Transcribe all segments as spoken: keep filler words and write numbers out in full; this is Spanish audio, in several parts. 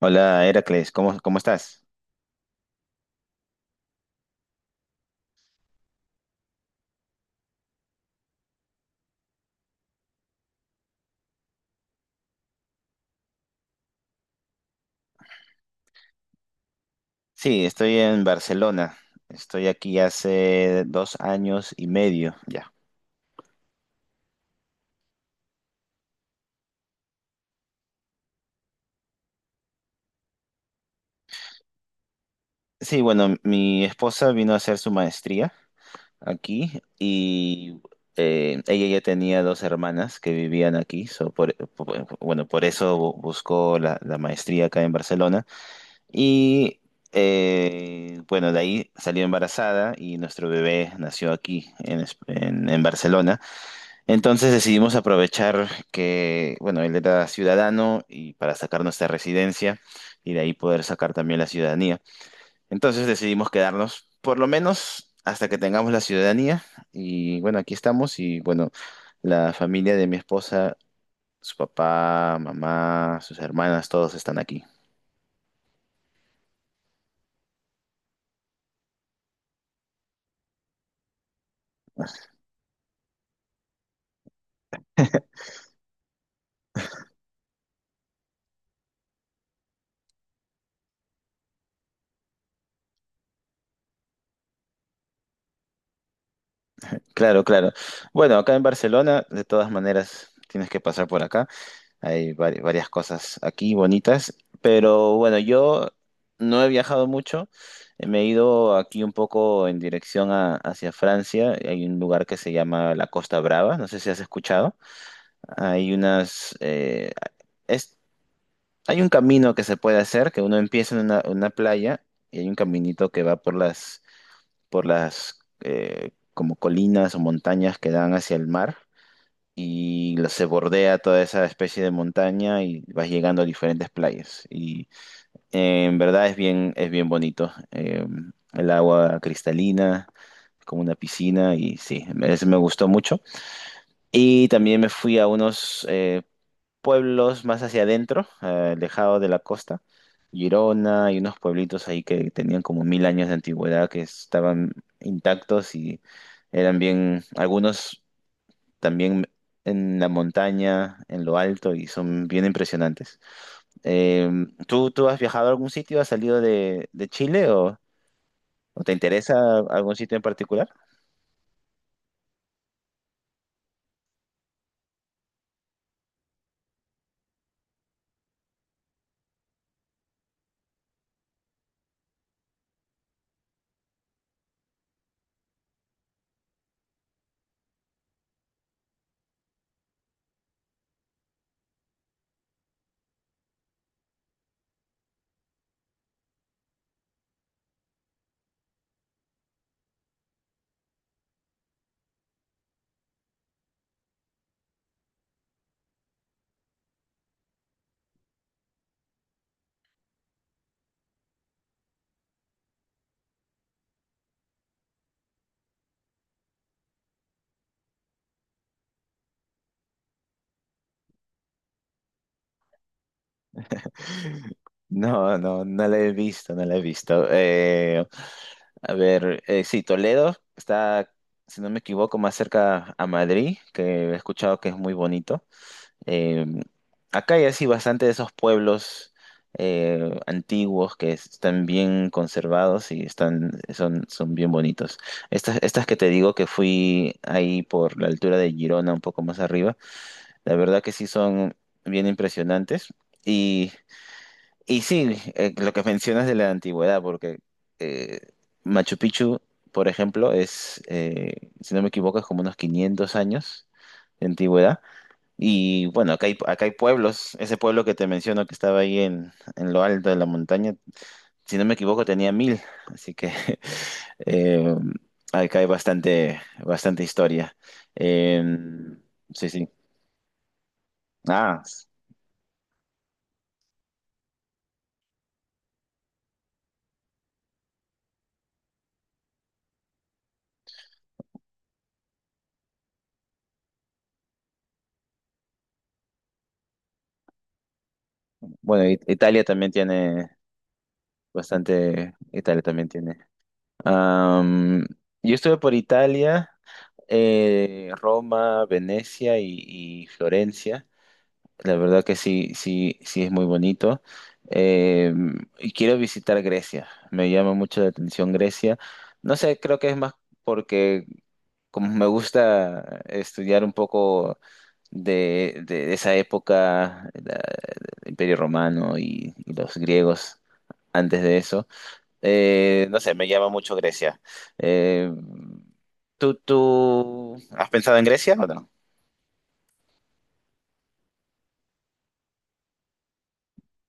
Hola, Heracles, ¿cómo, cómo estás? Sí, estoy en Barcelona. Estoy aquí hace dos años y medio ya. Sí, bueno, mi esposa vino a hacer su maestría aquí y eh, ella ya tenía dos hermanas que vivían aquí. So por- por- bueno, por eso bu- buscó la, la maestría acá en Barcelona. Y eh, bueno, de ahí salió embarazada y nuestro bebé nació aquí en, Es- en en Barcelona. Entonces decidimos aprovechar que, bueno, él era ciudadano y para sacar nuestra residencia y de ahí poder sacar también la ciudadanía. Entonces decidimos quedarnos por lo menos hasta que tengamos la ciudadanía y bueno, aquí estamos y bueno, la familia de mi esposa, su papá, mamá, sus hermanas, todos están aquí. Claro, claro. Bueno, acá en Barcelona, de todas maneras, tienes que pasar por acá. Hay vari- varias cosas aquí bonitas, pero bueno, yo no he viajado mucho. eh, Me he ido aquí un poco en dirección a- hacia Francia. Hay un lugar que se llama la Costa Brava, no sé si has escuchado. Hay unas, eh, es- hay un camino que se puede hacer, que uno empieza en una, una playa y hay un caminito que va por las, por las eh, como colinas o montañas que dan hacia el mar y la- se bordea toda esa especie de montaña y vas llegando a diferentes playas. Y eh, en verdad es bien, es bien bonito. Eh, el agua cristalina, como una piscina, y sí, ese me gustó mucho. Y también me fui a unos eh, pueblos más hacia adentro, eh, alejado de la costa. Girona y unos pueblitos ahí que tenían como mil años de antigüedad que estaban intactos y eran bien, algunos también en la montaña, en lo alto, y son bien impresionantes. Eh, ¿tú, tú has viajado a algún sitio? ¿Has salido de, de Chile o, o te interesa algún sitio en particular? No, no, no la he visto, no la he visto. Eh, a ver, eh, sí, Toledo está, si no me equivoco, más cerca a Madrid, que he escuchado que es muy bonito. Eh, acá hay así bastante de esos pueblos eh, antiguos que están bien conservados y están, son, son bien bonitos. Estas, estas que te digo que fui ahí por la altura de Girona, un poco más arriba, la verdad que sí son bien impresionantes. Y, y sí, eh, lo que mencionas de la antigüedad, porque eh, Machu Picchu, por ejemplo, es, eh, si no me equivoco, es como unos quinientos años de antigüedad. Y bueno, acá hay, acá hay pueblos. Ese pueblo que te menciono que estaba ahí en, en lo alto de la montaña, si no me equivoco, tenía mil. Así que eh, acá hay bastante, bastante historia. Eh, sí, sí. Ah, s- bueno, It- Italia también tiene bastante. Italia también tiene. Am, yo estuve por Italia, eh, Roma, Venecia y, y Florencia. La verdad que sí, sí, sí es muy bonito. Eh, y quiero visitar Grecia. Me llama mucho la atención Grecia. No sé, creo que es más porque como me gusta estudiar un poco de, de esa época, la- el Imperio Romano y, y los griegos antes de eso, eh, no sé, me llama mucho Grecia. Eh, ¿tú, tú has pensado en Grecia o no?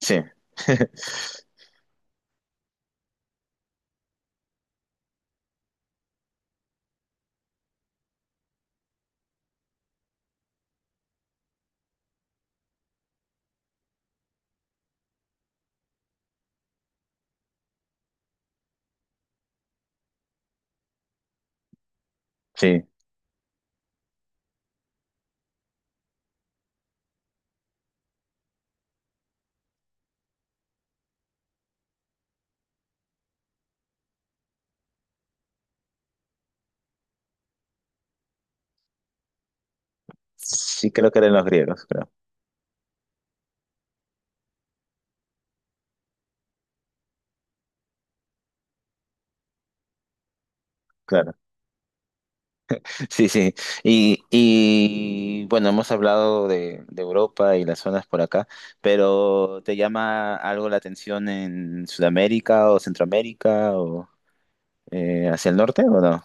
Sí, sí, sí creo que eran los griegos, creo. Claro. Sí, sí. Y, y bueno, hemos hablado de, de Europa y las zonas por acá, pero ¿te llama algo la atención en Sudamérica o Centroamérica o eh, hacia el norte o no?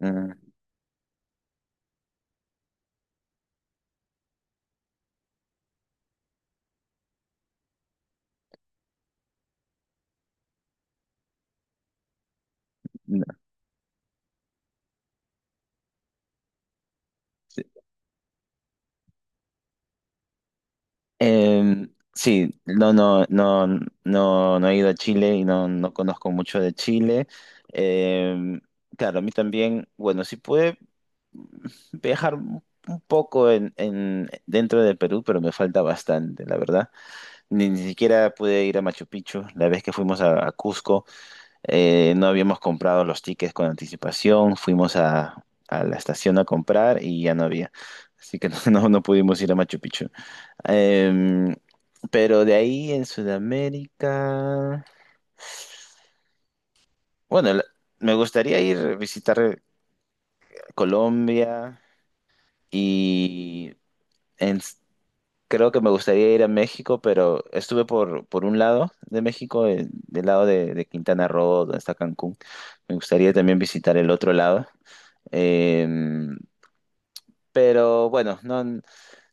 Mm, no. Eh, sí, no, no, no, no, no he ido a Chile y no, no conozco mucho de Chile. Eh, claro, a mí también, bueno, sí pude viajar un un poco en, en, dentro de Perú, pero me falta bastante, la verdad. Ni, ni siquiera pude ir a Machu Picchu. La vez que fuimos a, a Cusco, eh, no habíamos comprado los tickets con anticipación. Fuimos a, a la estación a comprar y ya no había. Así que no, no no pudimos ir a Machu Picchu. Em, pero de ahí en Sudamérica, bueno, la- me gustaría ir a visitar Colombia y en, creo que me gustaría ir a México, pero estuve por, por un lado de México, el- del lado de, de Quintana Roo, donde está Cancún. Me gustaría también visitar el otro lado. Em, pero bueno, no,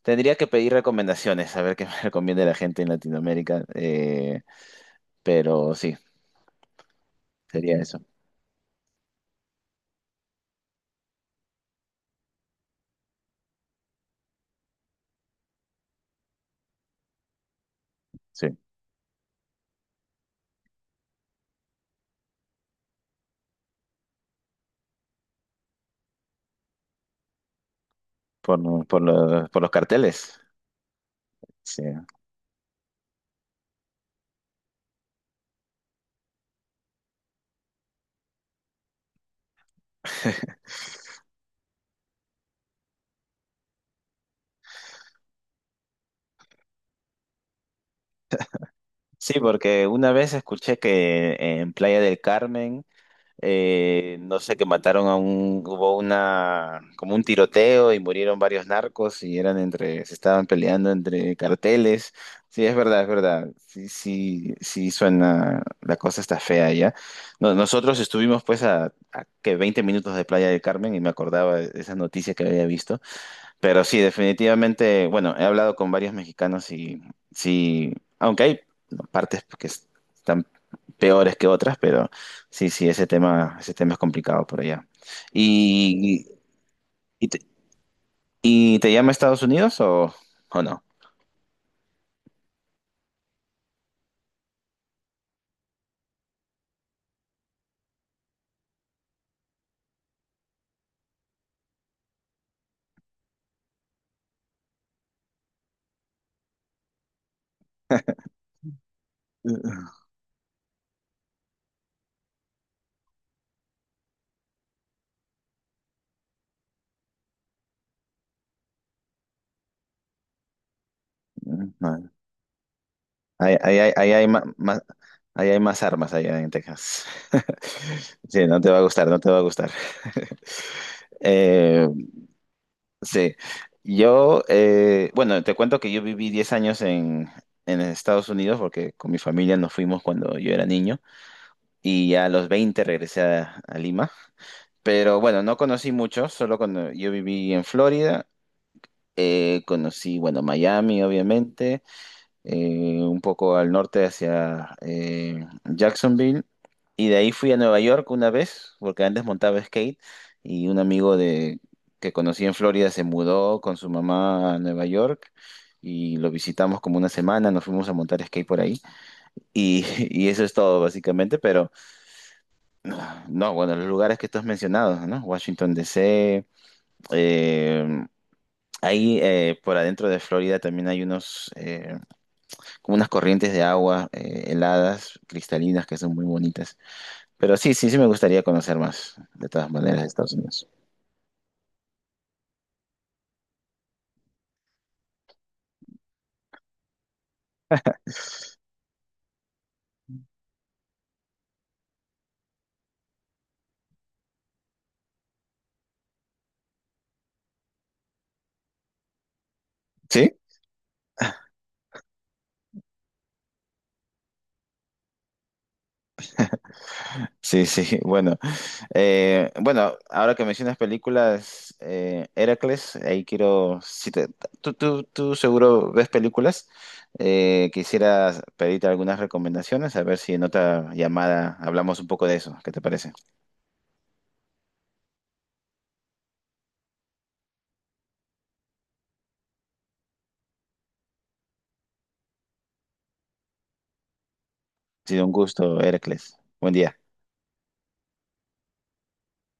tendría que pedir recomendaciones, a ver qué me recomienda la gente en Latinoamérica. Eh, pero sí, sería eso. Sí, por, lo- por, lo- por los carteles. Sí. Sí, porque una vez escuché que en Playa del Carmen Eh, no sé, que mataron a un, hubo una, como un tiroteo y murieron varios narcos y eran entre, se estaban peleando entre carteles. Sí, es verdad, es verdad. Sí, sí, sí suena, la cosa está fea ya. No- nosotros estuvimos pues a, a que veinte minutos de Playa del Carmen y me acordaba de esa noticia que había visto. Pero sí, definitivamente, bueno, he hablado con varios mexicanos y sí, aunque hay partes que es- están peores que otras, pero sí, sí, ese tema, ese tema es complicado por allá. ¿Y, y, te, y te llama Estados Unidos o, o no? Mm, No. Ahí, ahí, hay ahí hay ma- más, ahí hay más armas allá en Texas. Sí, no te va a gustar, no te va a gustar. Eh, Sí, yo, eh, bueno, te cuento que yo viví diez años en, en Estados Unidos porque con mi familia nos fuimos cuando yo era niño y ya a los veinte regresé a, a Lima. Pero bueno, no conocí mucho, solo cuando yo viví en Florida, eh, conocí, bueno, Miami, obviamente, eh, un poco al norte hacia eh, Jacksonville. Y de ahí fui a Nueva York una vez, porque antes montaba skate y un amigo de, que conocí en Florida se mudó con su mamá a Nueva York y lo visitamos como una semana, nos fuimos a montar skate por ahí y, y eso es todo básicamente, pero no, bueno, los lugares que tú has mencionado, ¿no? Washington D C, eh, ahí eh, por adentro de Florida también hay unos... eh, como unas corrientes de agua eh, heladas, cristalinas, que son muy bonitas. Pero sí, sí, sí me gustaría conocer más, de todas maneras, de Estados Unidos. ¿Sí? Sí, sí, bueno. Eh, bueno, ahora que mencionas películas, eh, Heracles, ahí quiero, si te- tú, tú, tú seguro ves películas, eh, quisiera pedirte algunas recomendaciones, a ver si en otra llamada hablamos un poco de eso, ¿qué te parece? Ha sido un gusto, Heracles. Buen día.